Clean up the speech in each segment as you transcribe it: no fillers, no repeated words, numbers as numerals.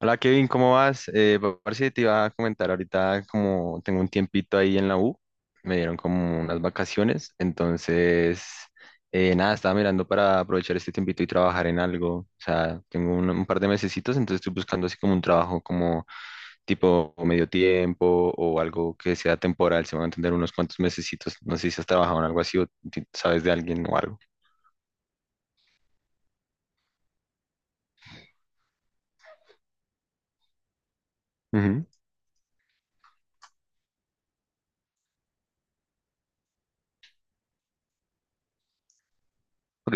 Hola Kevin, ¿cómo vas? Parce, te iba a comentar ahorita como tengo un tiempito ahí en la U, me dieron como unas vacaciones, entonces nada, estaba mirando para aprovechar este tiempito y trabajar en algo, o sea, tengo un par de mesecitos, entonces estoy buscando así como un trabajo como tipo medio tiempo o algo que sea temporal, se van a entender unos cuantos mesecitos, no sé si has trabajado en algo así o sabes de alguien o algo. Ujú. Ok.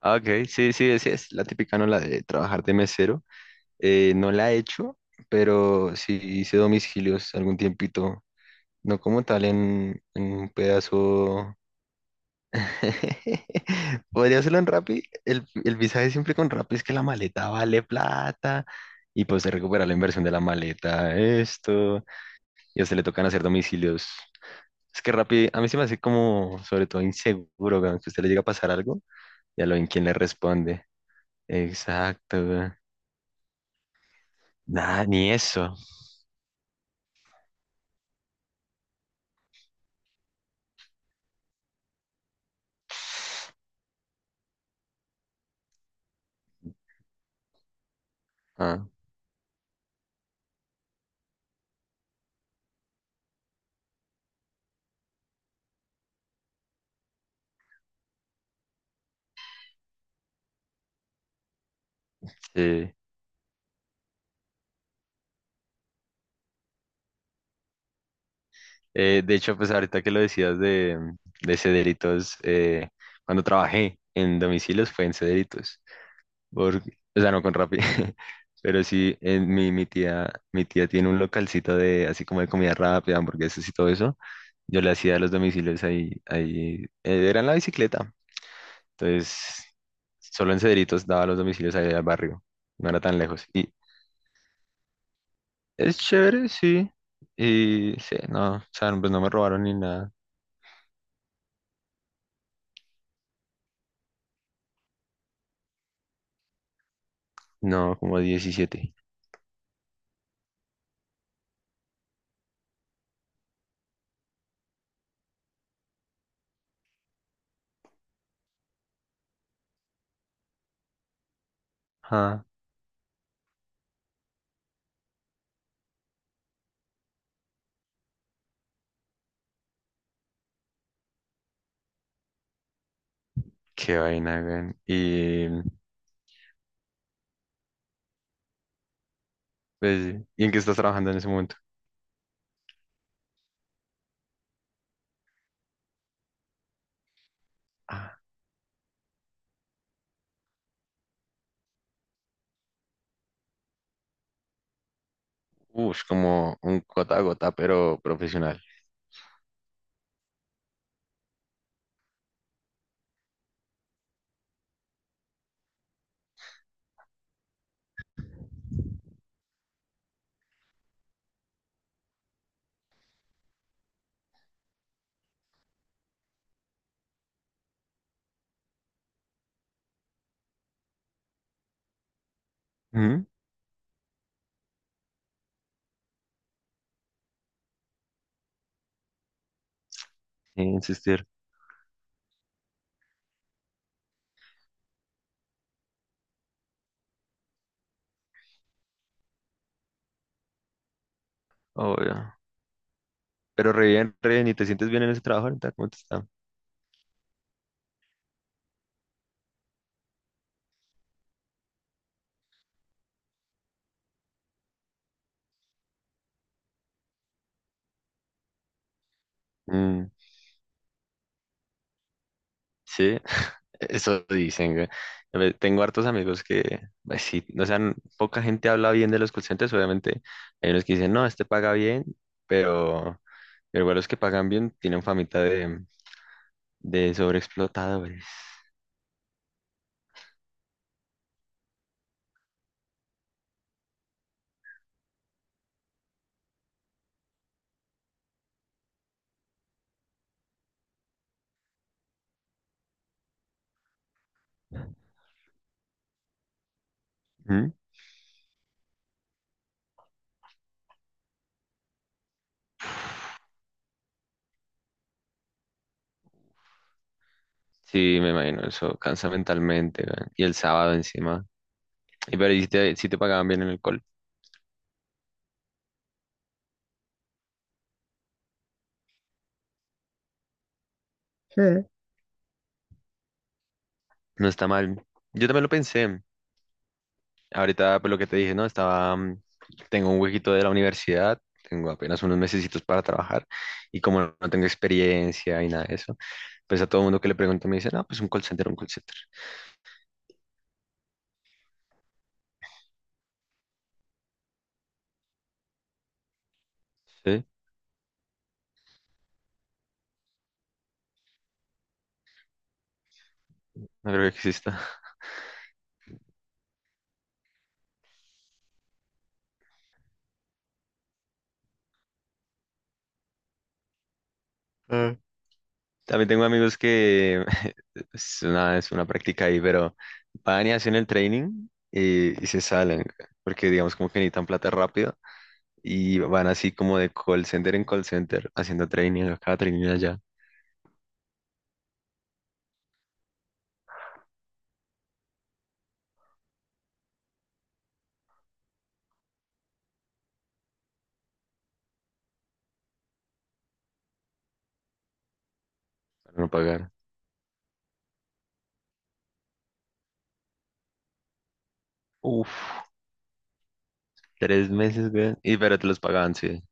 Ah, ok, sí, sí, sí, es la típica, ¿no? La de trabajar de mesero. No la he hecho, pero sí hice domicilios algún tiempito. No como tal en un pedazo. Podría hacerlo en Rappi. El visaje siempre con Rappi es que la maleta vale plata. Y pues se recupera la inversión de la maleta, esto. Y a usted le tocan hacer domicilios. Es que Rappi, a mí se me hace como, sobre todo, inseguro, weón, que a usted le llega a pasar algo y a lo en quién le responde. Exacto, weón. Nada, ni eso. Ah, sí. De hecho, pues ahorita que lo decías de, Cederitos, cuando trabajé en domicilios fue en Cederitos, porque, o sea, no con Rappi, pero sí, en mi tía tiene un localcito de, así como de comida rápida, hamburguesas y todo eso, yo le hacía los domicilios ahí, era en la bicicleta, entonces, solo en Cederitos daba los domicilios ahí al barrio, no era tan lejos, y es chévere, sí, y sí, no, o sea, pues no me robaron ni nada, no, como 17. Ah, qué vaina, güey. Y, pues, ¿y en qué estás trabajando en ese momento? Ah. Uf, como un gota a gota, pero profesional. Ujú. Sin insistir, obvio. Pero re bien, ¿y te sientes bien en ese trabajo ahorita? ¿Cómo te está? Mm, sí, eso dicen, güey. A ver, tengo hartos amigos que, pues sí, o sea, poca gente habla bien de los call centers, obviamente. Hay unos que dicen, no, este paga bien, pero, pero igual los que pagan bien tienen famita de, sobreexplotadores. Sí, me imagino, eso cansa mentalmente, weón. Y el sábado encima. Y pero y si te pagaban bien en el call, no está mal. Yo también lo pensé. Ahorita, pues lo que te dije, ¿no? Tengo un huequito de la universidad, tengo apenas unos mesecitos para trabajar y como no tengo experiencia y nada de eso, pues a todo mundo que le pregunto me dice, no, pues un call center, un call center. Sí, no creo que exista. También tengo amigos que es una, práctica ahí, pero van y hacen el training y se salen, porque digamos como que necesitan plata rápido y van así como de call center en call center haciendo training acá, training allá, para no pagar. Uf, 3 meses, güey. Y pero te los pagaban, sí.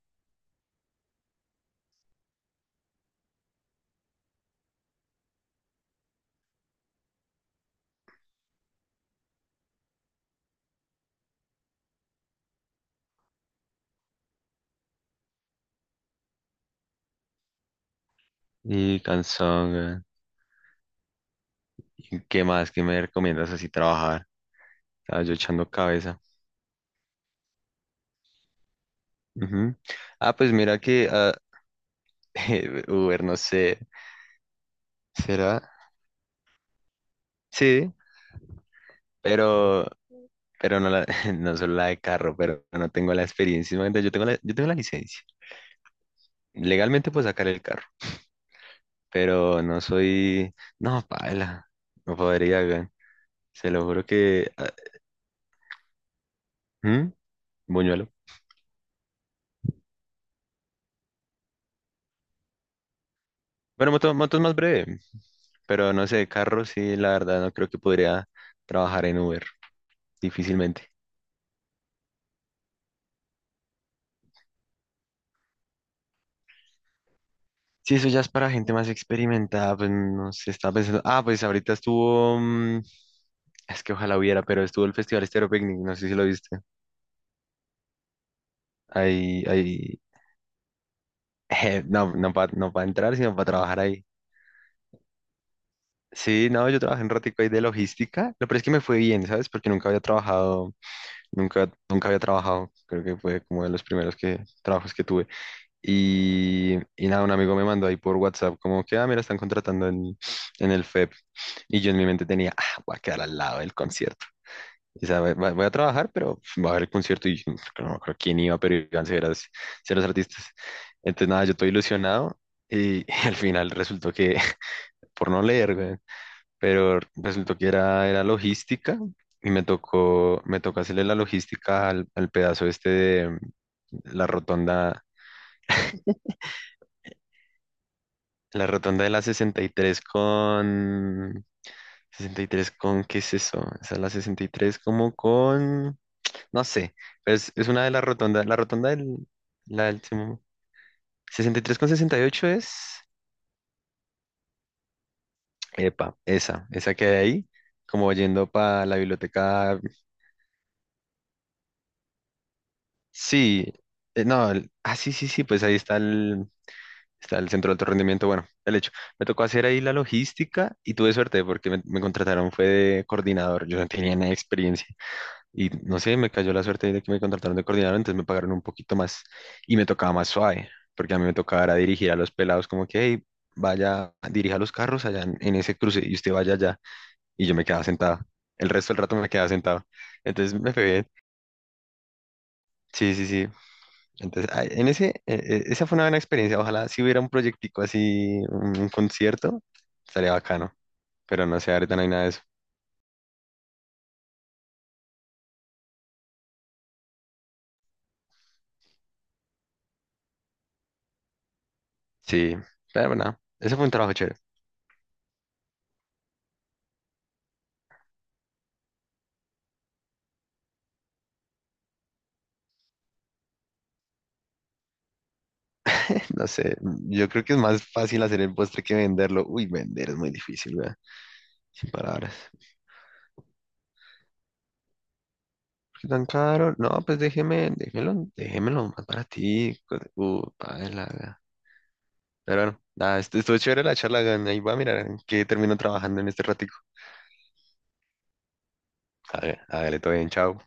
Y cansón, güey. ¿Y qué más? ¿Qué me recomiendas así trabajar? Estaba yo echando cabeza. Ujú. Ah, pues mira que Uber, no sé. ¿Será? Sí, pero pero no, no solo la de carro, pero no tengo la experiencia. Imagínate, yo tengo la licencia. Legalmente puedo sacar el carro, pero no soy... No, paila, no podría, weón. Se lo juro que... ¿Mm? Buñuelo. Bueno, moto, moto es más breve, pero no sé, carro sí, la verdad, no creo que podría trabajar en Uber, difícilmente. Sí, eso ya es para gente más experimentada, pues no sé, estaba pensando... Ah, pues ahorita estuvo... es que ojalá hubiera, pero estuvo el Festival Estéreo Picnic, no sé si lo viste. Ahí, ahí, no, no para no pa entrar, sino para trabajar ahí. Sí, no, yo trabajé un ratico ahí de logística. Lo peor es que me fue bien, ¿sabes? Porque nunca había trabajado, nunca había trabajado. Creo que fue como de los primeros trabajos que tuve. Y nada, un amigo me mandó ahí por WhatsApp, como que, ah, mira, están contratando en el FEP. Y yo en mi mente tenía, ah, voy a quedar al lado del concierto. O sea, voy a trabajar, pero va a haber el concierto y no me acuerdo quién iba, pero iban ceros, ceros artistas. Entonces, nada, yo estoy ilusionado y al final resultó que, por no leer, güey, pero resultó que era logística y me tocó hacerle la logística al pedazo este de la rotonda, la rotonda de la 63 con... 63 con, ¿qué es eso? Esa es la 63 como con... No sé, pero es una de las rotondas. La del Simón- 63,68 es, epa, esa que hay ahí, como yendo para la biblioteca. Sí, no, sí, sí, sí, pues ahí está está el centro de alto rendimiento. Bueno, el hecho, me tocó hacer ahí la logística y tuve suerte porque me contrataron, fue de coordinador, yo no tenía ni experiencia. Y no sé, me cayó la suerte de que me contrataron de coordinador, entonces me pagaron un poquito más y me tocaba más suave, porque a mí me tocaba era dirigir a los pelados como que, hey, vaya, dirija los carros allá en, ese cruce y usted vaya allá. Y yo me quedaba sentado. El resto del rato me quedaba sentado. Entonces me fue bien. Sí, sí, sí. Entonces, ay, esa fue una buena experiencia. Ojalá si hubiera un proyectico así, un concierto, estaría bacano. Pero no sé, ahorita no hay nada de eso. Sí, pero bueno, ese fue un trabajo chévere. No sé, yo creo que es más fácil hacer el postre que venderlo. Uy, vender es muy difícil, ¿verdad? Sin palabras. ¿Por qué tan caro? No, pues déjemelo, déjemelo más para ti. Paila, ¿verdad? Pero bueno, nada, estuvo chévere la charla, ¿verdad? Ahí va a mirar que termino trabajando en este ratico. Hágale, hágale, todo bien, chao.